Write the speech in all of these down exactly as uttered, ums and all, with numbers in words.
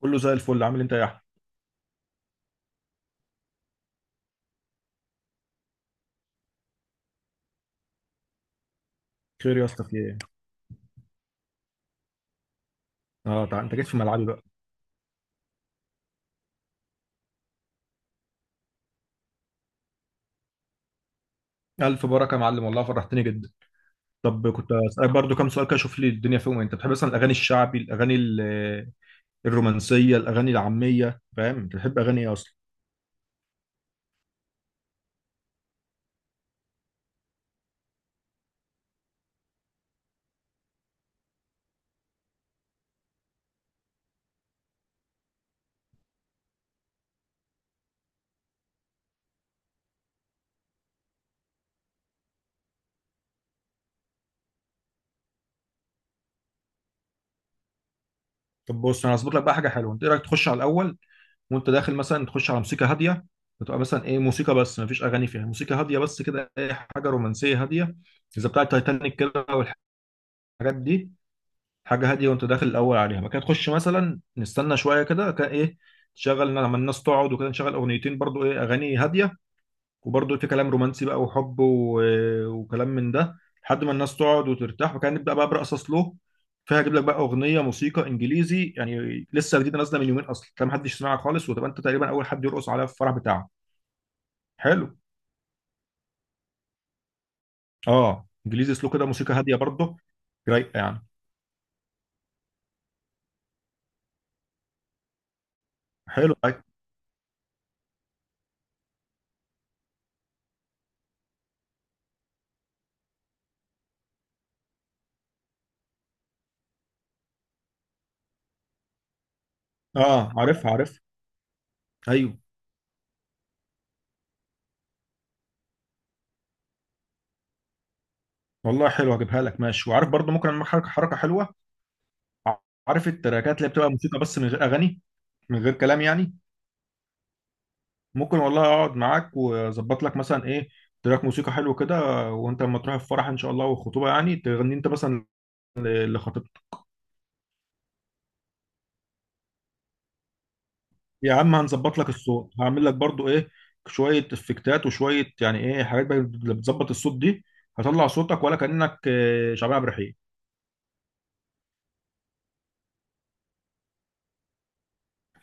كله زي الفل، عامل إيه انت يا احمد؟ خير يا اسطى، في ايه؟ اه، تع... انت جيت في ملعبي بقى. الف بركه يا معلم، والله فرحتني جدا. طب كنت اسالك برضو كام سؤال كده اشوف لي الدنيا فيهم ايه. انت بتحب مثلا الاغاني الشعبي، الاغاني ال- الرومانسيه، الاغاني العاميه، فاهم؟ انت بتحب اغاني ايه اصلا؟ طب بص، انا هظبط لك بقى حاجه حلوه. انت ايه رايك تخش على الاول، وانت داخل مثلا تخش على موسيقى هاديه. بتبقى مثلا ايه، موسيقى بس مفيش اغاني فيها، موسيقى هاديه بس كده، ايه، حاجه رومانسيه هاديه، زي بتاع تايتانيك كده والحاجات دي. حاجه هاديه وانت داخل الاول عليها ما كده، تخش مثلا، نستنى شويه كده كان ايه، تشغل لما الناس تقعد وكده. نشغل اغنيتين برضو ايه، اغاني هاديه وبرضو في كلام رومانسي بقى، وحب و... وكلام من ده، لحد ما الناس تقعد وترتاح وكان نبدا بقى برقص سلو. فيها اجيب لك بقى اغنيه موسيقى انجليزي، يعني لسه جديده نازله من يومين اصلا، كان محدش سمعها خالص، وتبقى انت تقريبا اول حد يرقص عليها في الفرح بتاعه. حلو. اه انجليزي سلو كده، موسيقى هاديه برضو، رايقه يعني. حلو، طيب. اه، عارفها عارفها، ايوه. والله حلو، هجيبها لك ماشي. وعارف برضو ممكن اعمل حركه حركه حلوه. عارف التراكات اللي بتبقى موسيقى بس من غير اغاني، من غير كلام يعني. ممكن والله اقعد معاك واظبط لك مثلا ايه، تراك موسيقى حلو كده. وانت لما تروح الفرح ان شاء الله والخطوبه، يعني تغني انت مثلا لخطيبتك. يا عم هنظبط لك الصوت، هعمل لك برضو ايه، شويه افكتات وشويه يعني ايه حاجات بقى اللي بتظبط الصوت دي، هطلع صوتك ولا كانك آه، شعبان عبد الرحيم.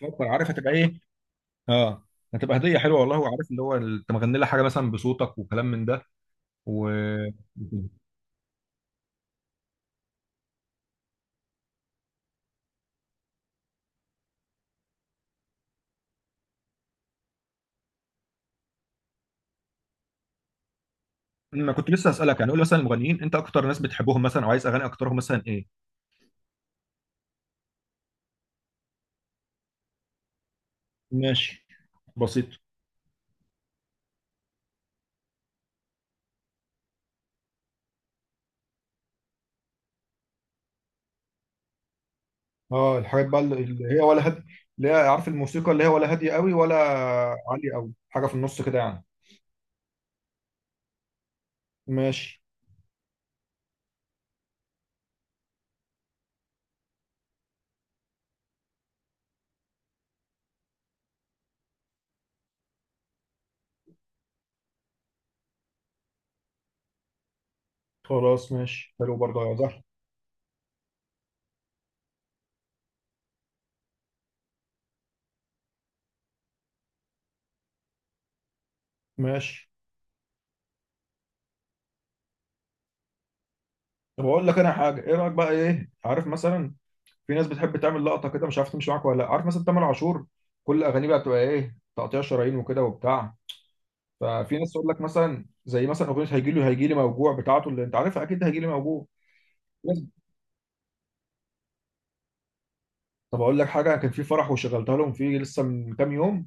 فكر، عارف هتبقى ايه. اه، هتبقى هديه حلوه والله. وعارف اللي هو انت مغني لها حاجه مثلا بصوتك وكلام من ده. و ما كنت لسه اسالك يعني، قول مثلا المغنيين انت اكتر ناس بتحبهم مثلا، او عايز اغاني اكترهم مثلا ايه؟ ماشي، بسيط. اه، الحاجات بقى اللي اللي هي، ولا هادي اللي هي، عارف الموسيقى اللي هي، ولا هادية قوي، ولا عالية قوي، حاجة في النص كده يعني؟ ماشي. خلاص ماشي، حلو برضه يا زهر. ماشي. طب اقول لك انا حاجة، ايه رأيك بقى، ايه، عارف مثلا في ناس بتحب تعمل لقطة كده، مش عارف تمشي معاك ولا لا، عارف مثلا تامر عاشور، كل اغانيه بقى بتبقى ايه، تقطيع شرايين وكده وبتاع. ففي ناس تقول لك مثلا، زي مثلا اغنيه هيجي لي هيجي لي موجوع بتاعته، اللي انت عارفها اكيد، هيجي لي موجوع. بس. طب اقول لك حاجه، كان في فرح وشغلتها لهم فيه لسه من كام يوم،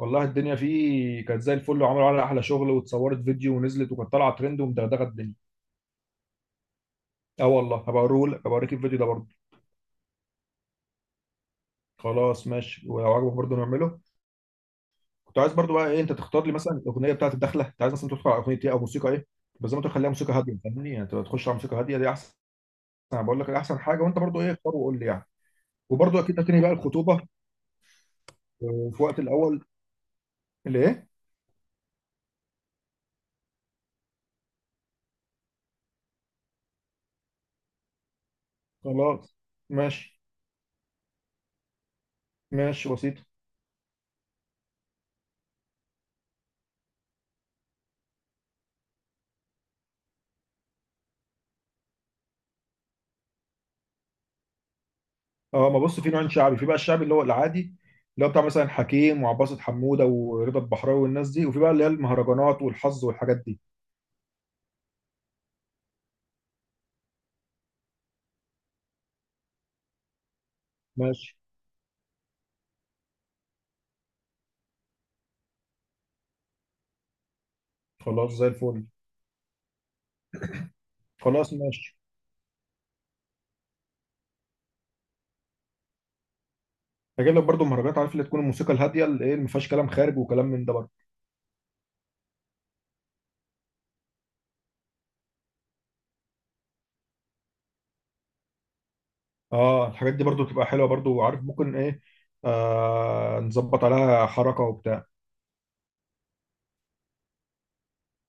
والله الدنيا فيه كانت زي الفل، وعملوا عليها احلى شغل، واتصورت فيديو ونزلت وكانت طالعه ترند ومدغدغه الدنيا. اه والله، هبقى اوريه لك، هبقى اوريك الفيديو ده برضه. خلاص ماشي، ولو عجبك برضه نعمله. كنت عايز برضه بقى ايه، انت تختار لي مثلا الاغنيه بتاعت الدخله، انت عايز مثلا تدخل على اغنيه ايه او موسيقى ايه؟ بس زي ما تخليها موسيقى هاديه، فاهمني يعني، انت تخش على موسيقى هاديه دي احسن. انا بقول لك احسن حاجه، وانت برضه ايه اختار وقول لي يعني. وبرضه اكيد هتنهي بقى الخطوبه. آه، في وقت الاول. ليه؟ خلاص ماشي. ماشي، بسيط. اه، ما بص، في نوعين شعبي. في بقى الشعبي اللي هو العادي، اللي هو بتاع مثلا حكيم وعباسة حمودة ورضا البحراوي والناس دي، وفي بقى اللي هي المهرجانات والحظ والحاجات دي. ماشي. خلاص زي الفل. خلاص ماشي، هجيب لك برضه مهرجانات، عارف اللي تكون الموسيقى الهاديه اللي ايه، ما فيهاش كلام خارج وكلام من ده برضه. اه الحاجات دي برضه بتبقى حلوه برضه، وعارف ممكن ايه، آه نظبط عليها حركه وبتاع.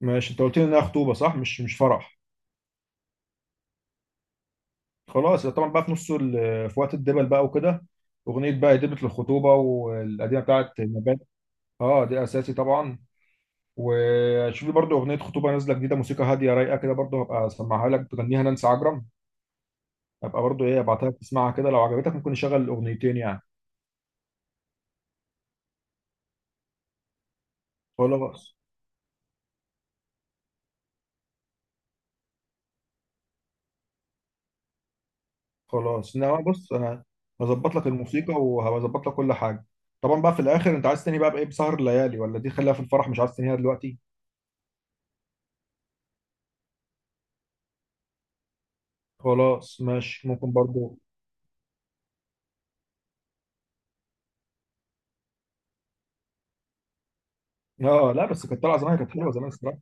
ماشي، انت قلت لي انها خطوبه صح، مش مش فرح؟ خلاص طبعا، بقى في نص ال- في وقت الدبل بقى وكده، اغنيه بقى دبله الخطوبه والقديمه بتاعت نجاة. اه دي اساسي طبعا. وشوفي برضو اغنيه خطوبه نازله جديده، موسيقى هاديه رايقه كده برضو، هبقى اسمعها لك، بتغنيها نانسي عجرم. هبقى برضو ايه ابعتها لك تسمعها كده، لو عجبتك ممكن نشغل الاغنيتين يعني. خلاص. خلاص انما بص انا، هظبط لك الموسيقى وهظبط لك كل حاجه. طبعا بقى في الاخر، انت عايز تاني بقى بايه، بسهر الليالي، ولا دي خليها في الفرح مش عايز تنهيها دلوقتي؟ خلاص ماشي، ممكن برضو. اه، لا بس كانت طالعه زمان، كانت حلوه زمان الصراحه.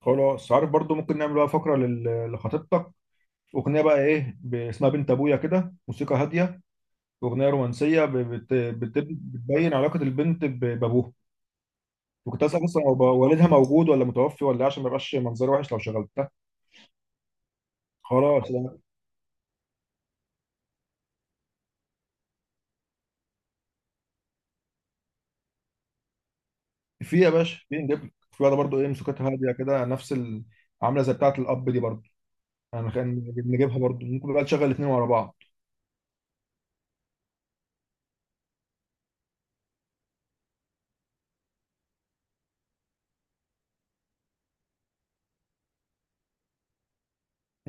خلاص، عارف برضو ممكن نعمل بقى فقره لل- لخطيبتك، اغنيه بقى ايه ب- اسمها بنت ابويا كده، موسيقى هاديه، اغنيه رومانسيه ب- بت... بت... بتبين علاقه البنت ب- بابوها. وكنت اسال اصلا، هو بقى والدها موجود ولا متوفي ولا إيه، عشان ما يبقاش منظر وحش لو شغلتها. خلاص لا. في يا باشا، في نجيب لك في واحده برضو ايه، موسيقتها هاديه كده، نفس ال... عامله زي بتاعه الاب دي برضو، يعني خلينا نجيب- نجيبها برضو، ممكن بقى نشغل الاثنين ورا بعض.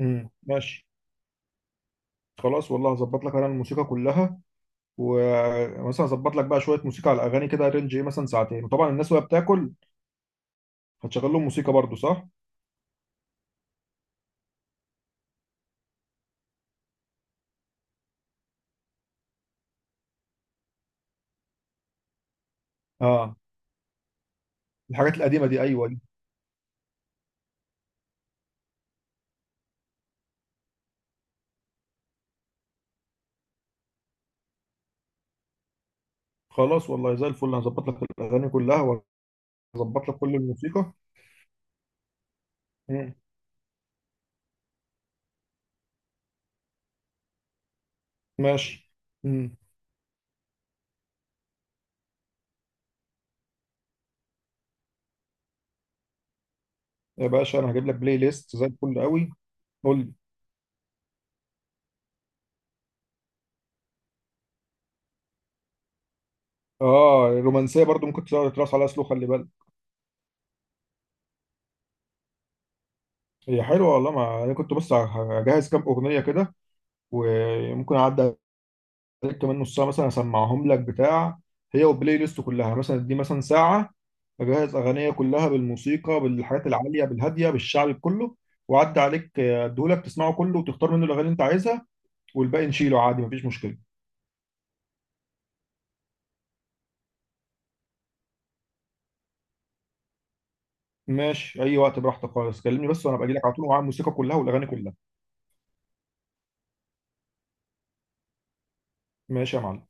امم ماشي. خلاص والله هظبط لك انا الموسيقى كلها. ومثلا اظبط لك بقى شويه موسيقى على الاغاني كده، رينج ايه مثلا ساعتين، وطبعا الناس وهي بتاكل هتشغل لهم موسيقى برضو، صح؟ اه الحاجات القديمه دي، ايوه دي. خلاص والله زي الفل، هظبط لك الاغاني كلها، وهظبط لك كل الموسيقى. مم. ماشي. مم. يا باشا، انا هجيب لك بلاي ليست زي الفل قوي. قول لي. اه الرومانسيه برضو ممكن تقعد تراس عليها سلو، خلي بالك. هي حلوه والله، ما انا كنت بس هجهز كام اغنيه كده، وممكن اعدي عليك كمان نص ساعه، مثلا اسمعهم لك بتاع. هي والبلاي ليست كلها مثلا دي مثلا ساعه. اجهز اغنيه كلها بالموسيقى، بالحاجات العاليه، بالهاديه، بالشعبي كله، وعدي عليك، آه، اديهولك تسمعه كله وتختار منه الاغاني اللي انت عايزها، والباقي نشيله عادي، مفيش مشكله. ماشي، اي وقت براحتك خالص، كلمني بس وانا باجي لك على طول ومعايا الموسيقى كلها والاغاني كلها. ماشي يا معلم.